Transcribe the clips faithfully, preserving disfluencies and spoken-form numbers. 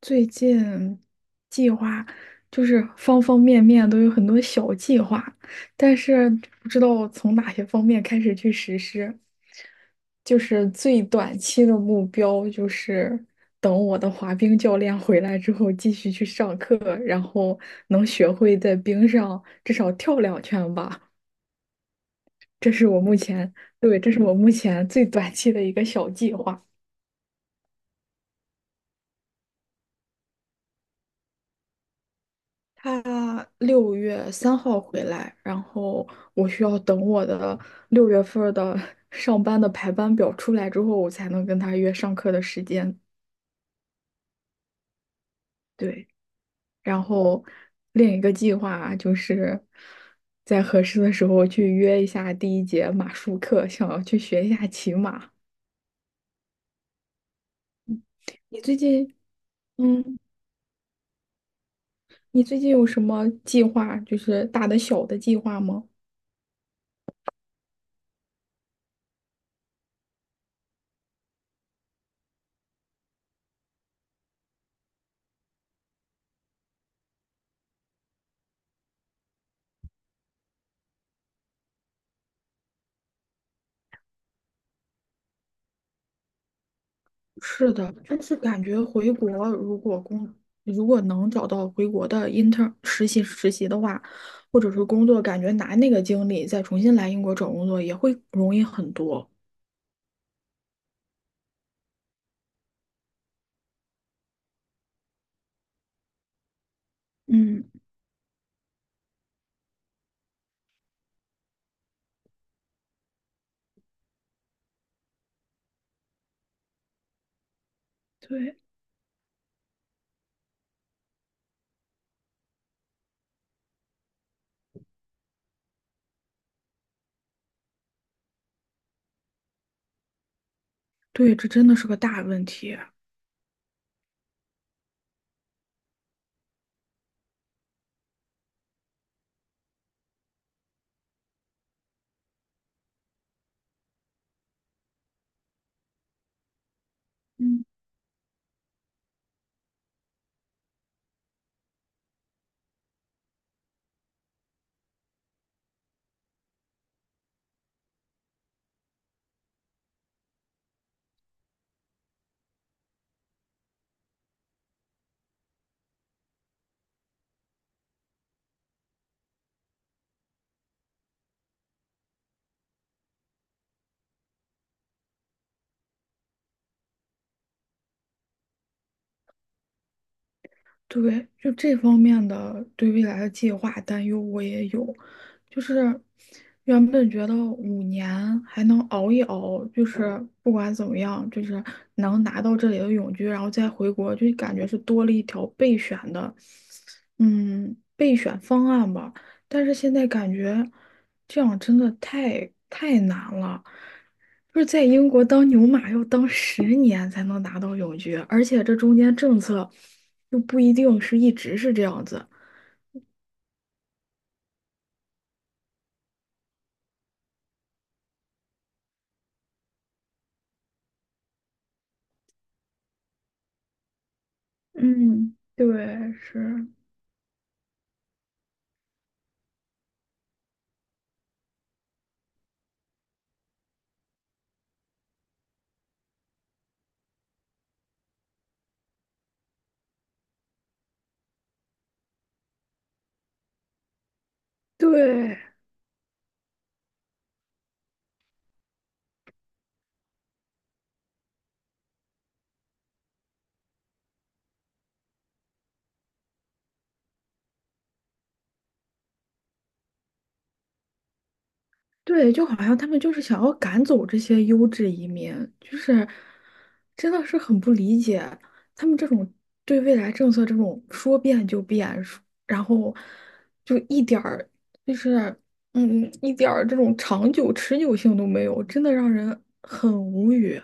最近计划就是方方面面都有很多小计划，但是不知道从哪些方面开始去实施。就是最短期的目标就是等我的滑冰教练回来之后继续去上课，然后能学会在冰上至少跳两圈吧。这是我目前，对，这是我目前最短期的一个小计划。他六月三号回来，然后我需要等我的六月份儿的 上班的排班表出来之后，我才能跟他约上课的时间。对，然后另一个计划就是在合适的时候去约一下第一节马术课，想要去学一下骑马。你最近，嗯，你最近有什么计划，就是大的小的计划吗？是的，但是感觉回国如果工如果能找到回国的 i n t e r 实习实习的话，或者是工作，感觉拿那个经历再重新来英国找工作也会容易很多。嗯，对，对，这真的是个大问题。嗯。对，就这方面的对未来的计划担忧我也有，就是原本觉得五年还能熬一熬，就是不管怎么样，就是能拿到这里的永居，然后再回国，就感觉是多了一条备选的，嗯，备选方案吧。但是现在感觉这样真的太太难了，就是在英国当牛马要当十年才能拿到永居，而且这中间政策又不一定是一直是这样子。嗯，对，是，对，对，就好像他们就是想要赶走这些优质移民，就是真的是很不理解他们这种对未来政策这种说变就变，说然后就一点儿就是嗯一点儿这种长久持久性都没有，真的让人很无语。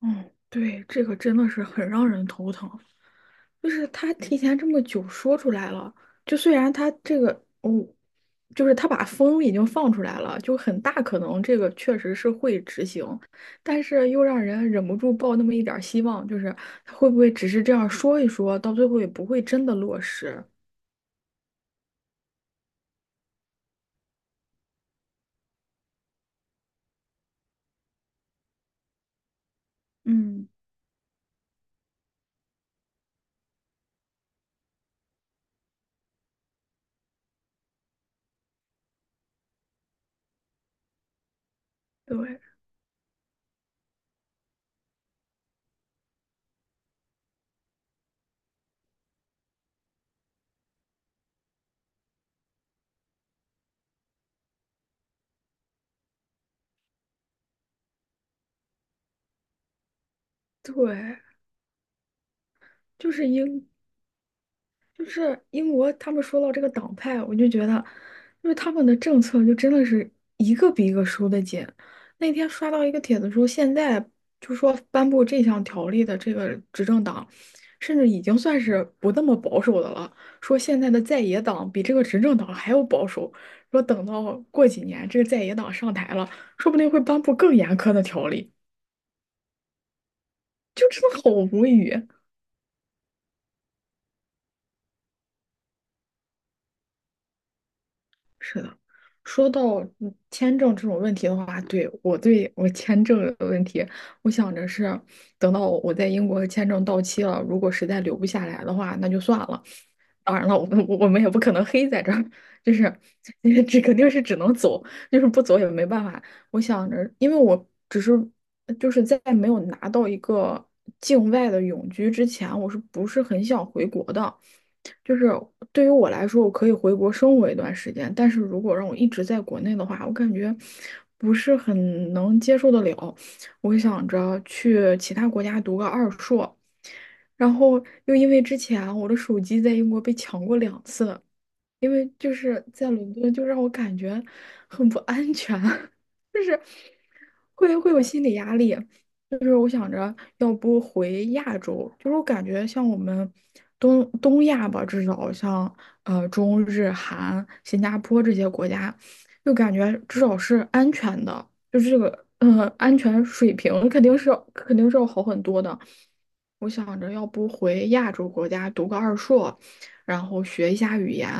嗯，对，这个真的是很让人头疼。就是他提前这么久说出来了，就虽然他这个，嗯，就是他把风已经放出来了，就很大可能这个确实是会执行，但是又让人忍不住抱那么一点儿希望，就是他会不会只是这样说一说，到最后也不会真的落实？嗯，对，对，就是应就是英国，他们说到这个党派，我就觉得，因为他们的政策就真的是一个比一个收的紧。那天刷到一个帖子说，现在就说颁布这项条例的这个执政党，甚至已经算是不那么保守的了。说现在的在野党比这个执政党还要保守。说等到过几年这个在野党上台了，说不定会颁布更严苛的条例，就真的好无语。是的，说到嗯签证这种问题的话，对，我对我签证的问题，我想着是等到我在英国签证到期了，如果实在留不下来的话，那就算了。当然了，我们我们也不可能黑在这儿，就是 这肯定是只能走，就是不走也没办法。我想着，因为我只是就是在没有拿到一个境外的永居之前，我是不是很想回国的？就是对于我来说，我可以回国生活一段时间，但是如果让我一直在国内的话，我感觉不是很能接受得了。我想着去其他国家读个二硕，然后又因为之前我的手机在英国被抢过两次，因为就是在伦敦，就让我感觉很不安全，就是会会有心理压力。就是我想着，要不回亚洲，就是我感觉像我们东东亚吧，至少像呃中日韩、新加坡这些国家，就感觉至少是安全的，就是这个呃安全水平肯定是要肯定是要好很多的。我想着，要不回亚洲国家读个二硕。然后学一下语言，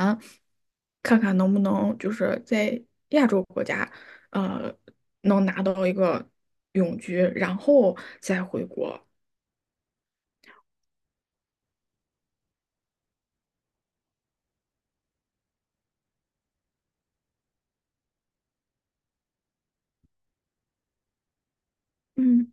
看看能不能就是在亚洲国家，呃，能拿到一个永居，然后再回国。嗯，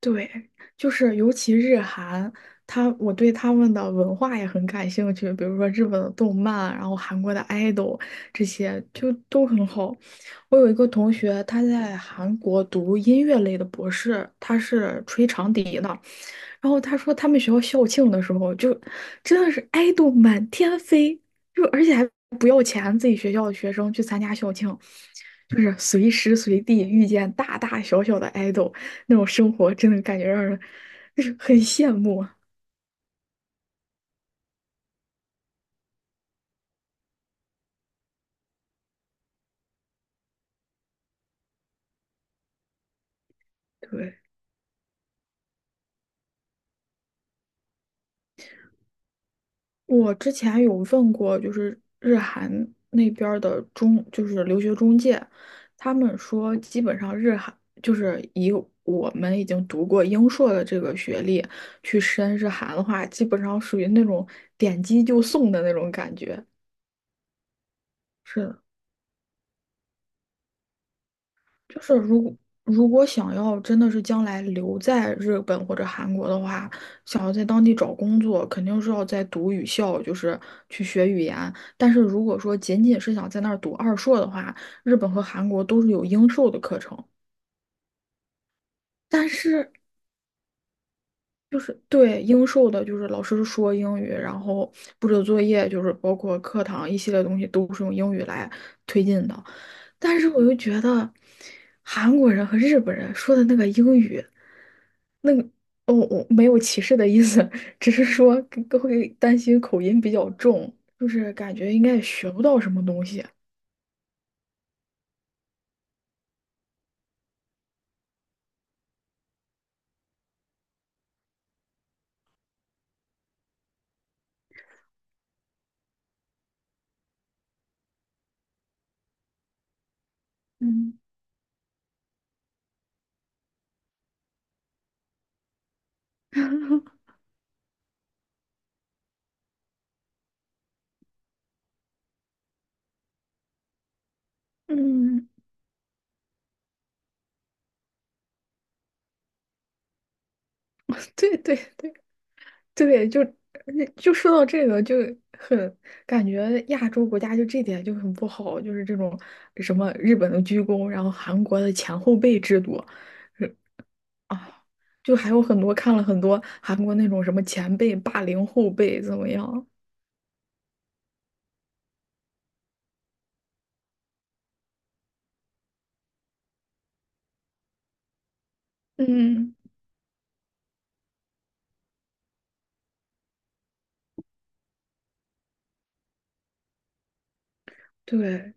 对，就是尤其日韩，他我对他们的文化也很感兴趣，比如说日本的动漫，然后韩国的 idol 这些就都很好。我有一个同学，他在韩国读音乐类的博士，他是吹长笛的。然后他说他们学校校庆的时候，就真的是爱豆满天飞，就而且还不要钱，自己学校的学生去参加校庆，就是随时随地遇见大大小小的爱豆，那种生活真的感觉让人就是很羡慕啊。对，我之前有问过，就是日韩那边儿的中，就是留学中介，他们说基本上日韩就是以我们已经读过英硕的这个学历去申日韩的话，基本上属于那种点击就送的那种感觉。是的，就是如果如果想要真的是将来留在日本或者韩国的话，想要在当地找工作，肯定是要在读语校，就是去学语言。但是如果说仅仅是想在那儿读二硕的话，日本和韩国都是有英授的课程，但是就是对英授的，就是老师说英语，然后布置作业，就是包括课堂一系列东西都是用英语来推进的。但是我又觉得韩国人和日本人说的那个英语。那个，哦，我没有歧视的意思，只是说更会担心口音比较重，就是感觉应该也学不到什么东西。嗯嗯，对对对对，就呃就说到这个，就很感觉亚洲国家就这点就很不好，就是这种什么日本的鞠躬，然后韩国的前后辈制度，是啊，就还有很多看了很多韩国那种什么前辈霸凌后辈怎么样？嗯，对，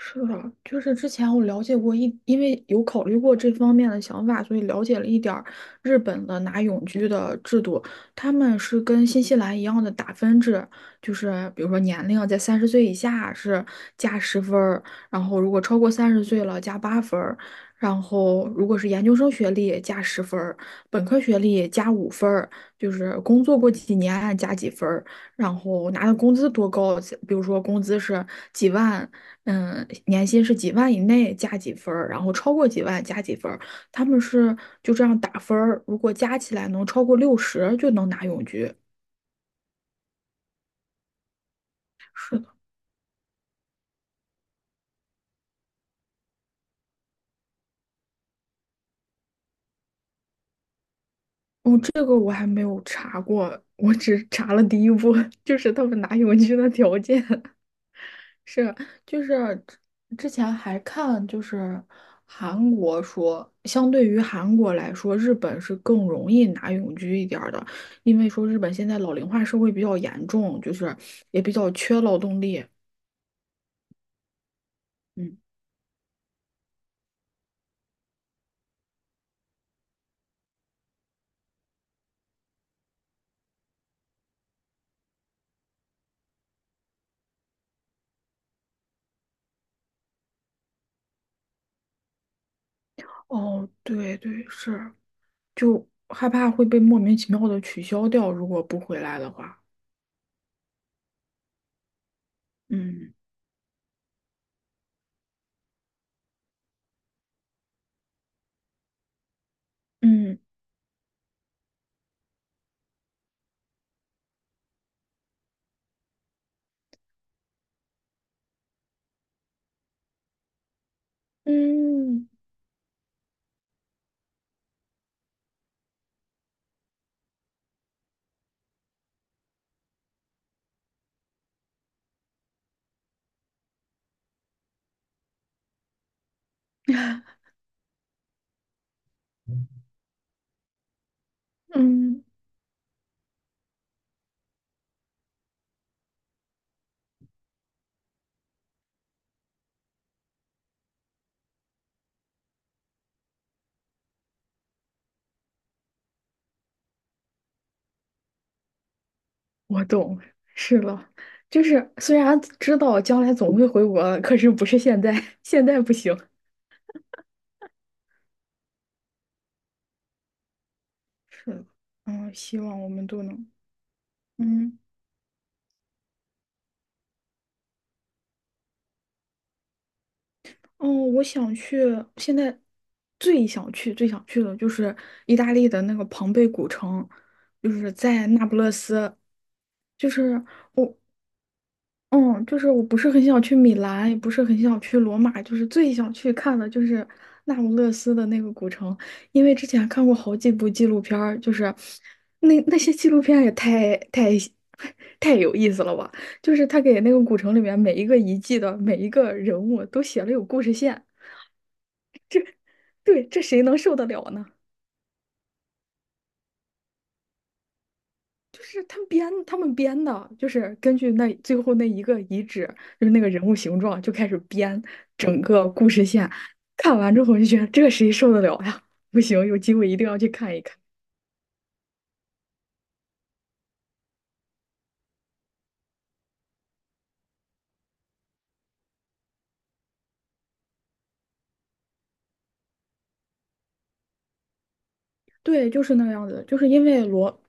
是的，就是之前我了解过一，因为有考虑过这方面的想法，所以了解了一点儿日本的拿永居的制度。他们是跟新西兰一样的打分制，就是比如说年龄在三十岁以下是加十分儿，然后如果超过三十岁了加八分儿，然后如果是研究生学历加十分儿，本科学历加五分儿，就是工作过几年加几分儿。然后拿的工资多高，比如说工资是几万，嗯，年薪是几万以内加几分儿，然后超过几万加几分儿，他们是就这样打分儿，如果加起来能超过六十就能拿永居。是的，哦，这个我还没有查过，我只查了第一步，就是他们拿永居的条件。是，就是之前还看，就是韩国说，相对于韩国来说，日本是更容易拿永居一点儿的，因为说日本现在老龄化社会比较严重，就是也比较缺劳动力。嗯，哦，对对，是，就害怕会被莫名其妙的取消掉，如果不回来的话。嗯嗯嗯嗯。我懂，是了，就是虽然知道将来总会回国的可是不是现在，现在不行。是的，嗯，希望我们都能，嗯，哦，我想去，现在最想去、最想去的就是意大利的那个庞贝古城，就是在那不勒斯，就是。我。嗯，就是我不是很想去米兰，也不是很想去罗马，就是最想去看的就是那不勒斯的那个古城，因为之前看过好几部纪录片儿就是那那些纪录片也太太 太有意思了吧！就是他给那个古城里面每一个遗迹的每一个人物都写了有故事线，对，这谁能受得了呢？就是他们编，他们编的，就是根据那最后那一个遗址，就是那个人物形状就开始编，看完之后我就觉得这谁受得了呀？不行，有机会一定要去看一看。对，就是那个样子，就是因为罗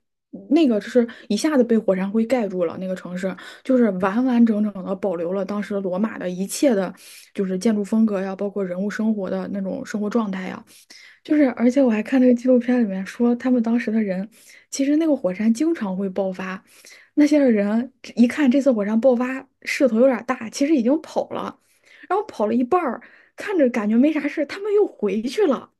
那个是一下子被火山灰盖住了，那个城市就是完完整整的保留了当时罗马的一切的，就是建筑风格呀，包括人物生活的那种生活状态呀。就是，而且我还看那个纪录片里面说，他们当时的人，其实那个火山经常会爆发，那些人一看这次火山爆发势头有点大，其实已经跑了，然后跑了一半儿，看着感觉没啥事，他们又回去了。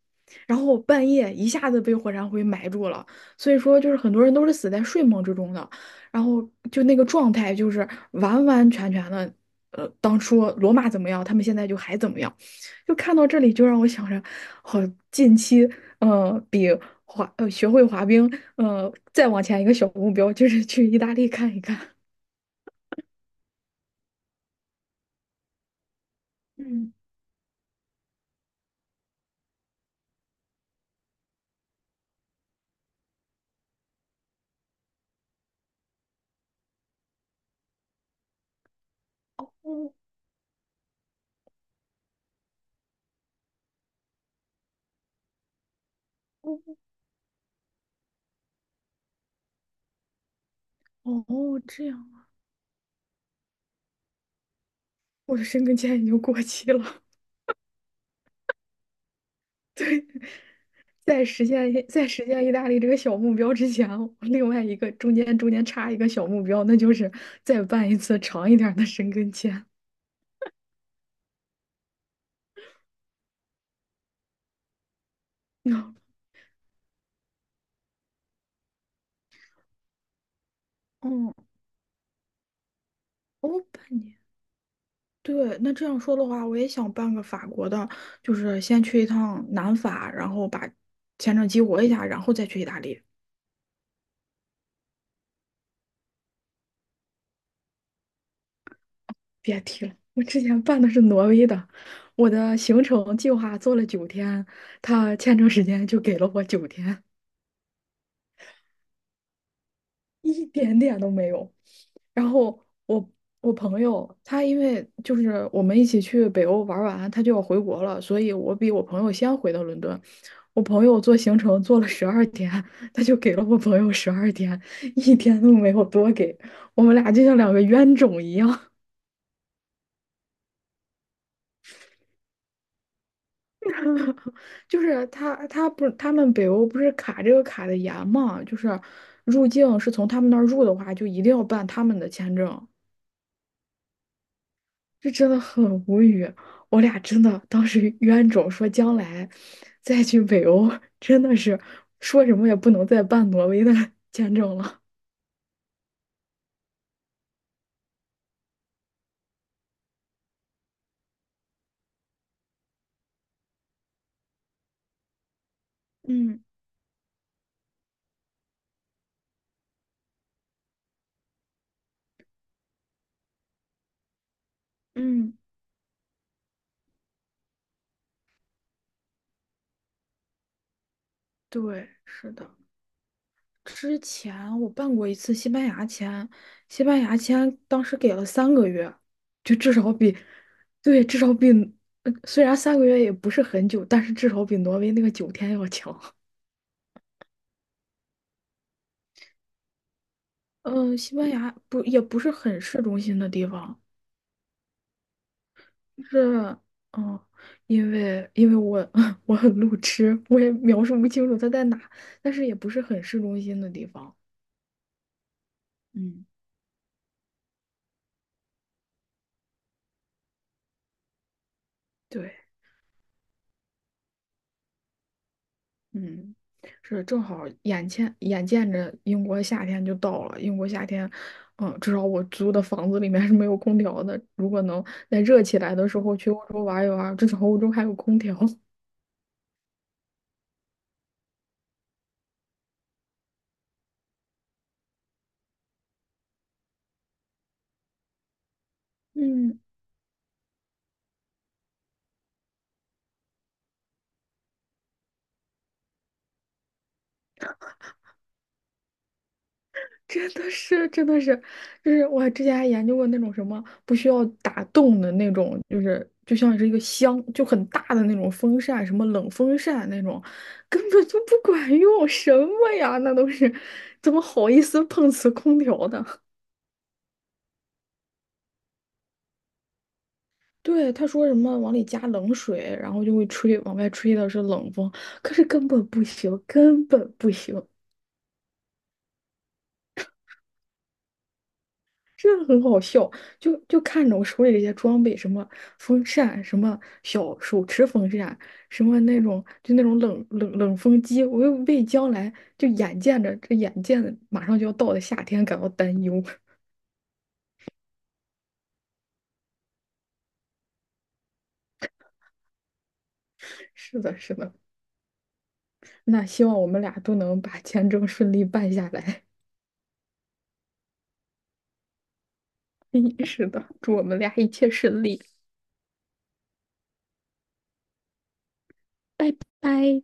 然后半夜一下子被火山灰埋住了，所以说就是很多人都是死在睡梦之中的，然后就那个状态就是完完全全的，呃，当初罗马怎么样，他们现在就还怎么样，就看到这里就让我想着，好，近期呃比滑呃学会滑冰，呃再往前一个小目标就是去意大利看一看。嗯，哦哦哦，哦，这样，我的申根签已经过期了。在实现在实现意大利这个小目标之前，另外一个中间中间插一个小目标，那就是再办一次长一点儿的申根签。嗯，嗯，哦，半年。对，那这样说的话，我也想办个法国的，就是先去一趟南法，然后把签证激活一下，然后再去意大利。别提了，我之前办的是挪威的，我的行程计划做了九天，他签证时间就给了我九天。一点点都没有。然后我我朋友他因为就是我们一起去北欧玩完，他就要回国了，所以我比我朋友先回到伦敦。我朋友做行程做了十二天，他就给了我朋友十二天，一天都没有多给。我们俩就像两个冤种一样。就是他他不是他们北欧不是卡这个卡的严嘛，就是入境是从他们那儿入的话，就一定要办他们的签证。这真的很无语，我俩真的当时 冤种说将来再去北欧，真的是说什么也不能再办挪威的 签证了。嗯嗯，对，是的。之前我办过一次西班牙签，西班牙签当时给了三个月，就至少比，对，至少比，呃虽然三个月也不是很久，但是至少比挪威那个九天要强。嗯、西班牙不也不是很市中心的地方，是，嗯，因为因为我 我很路痴，我也描述不清楚它在哪，但是也不是很市中心的地方。嗯，对，嗯，是正好眼前眼见着英国夏天就到了，英国夏天，嗯，至少我租的房子里面是没有空调的。如果能在热起来的时候去欧洲玩一玩，至少欧洲还有空调。嗯。真的是，真的是，就是我之前还研究过那种什么不需要打洞的那种，就是就像是一个箱，就很大的那种风扇，什么冷风扇那种，根本就不管用，什么呀？那都是怎么好意思碰瓷空调的？对，他说什么往里加冷水，然后就会吹，往外吹的是冷风，可是根本不行，根本不行。真的很好笑，就就看着我手里这些装备，什么风扇，什么小手持风扇，什么那种就那种冷冷冷风机，我又为将来就眼见着这眼见着马上就要到的夏天感到担忧。是的，是的，那希望我们俩都能把签证顺利办下来。是的，祝我们俩一切顺利，拜。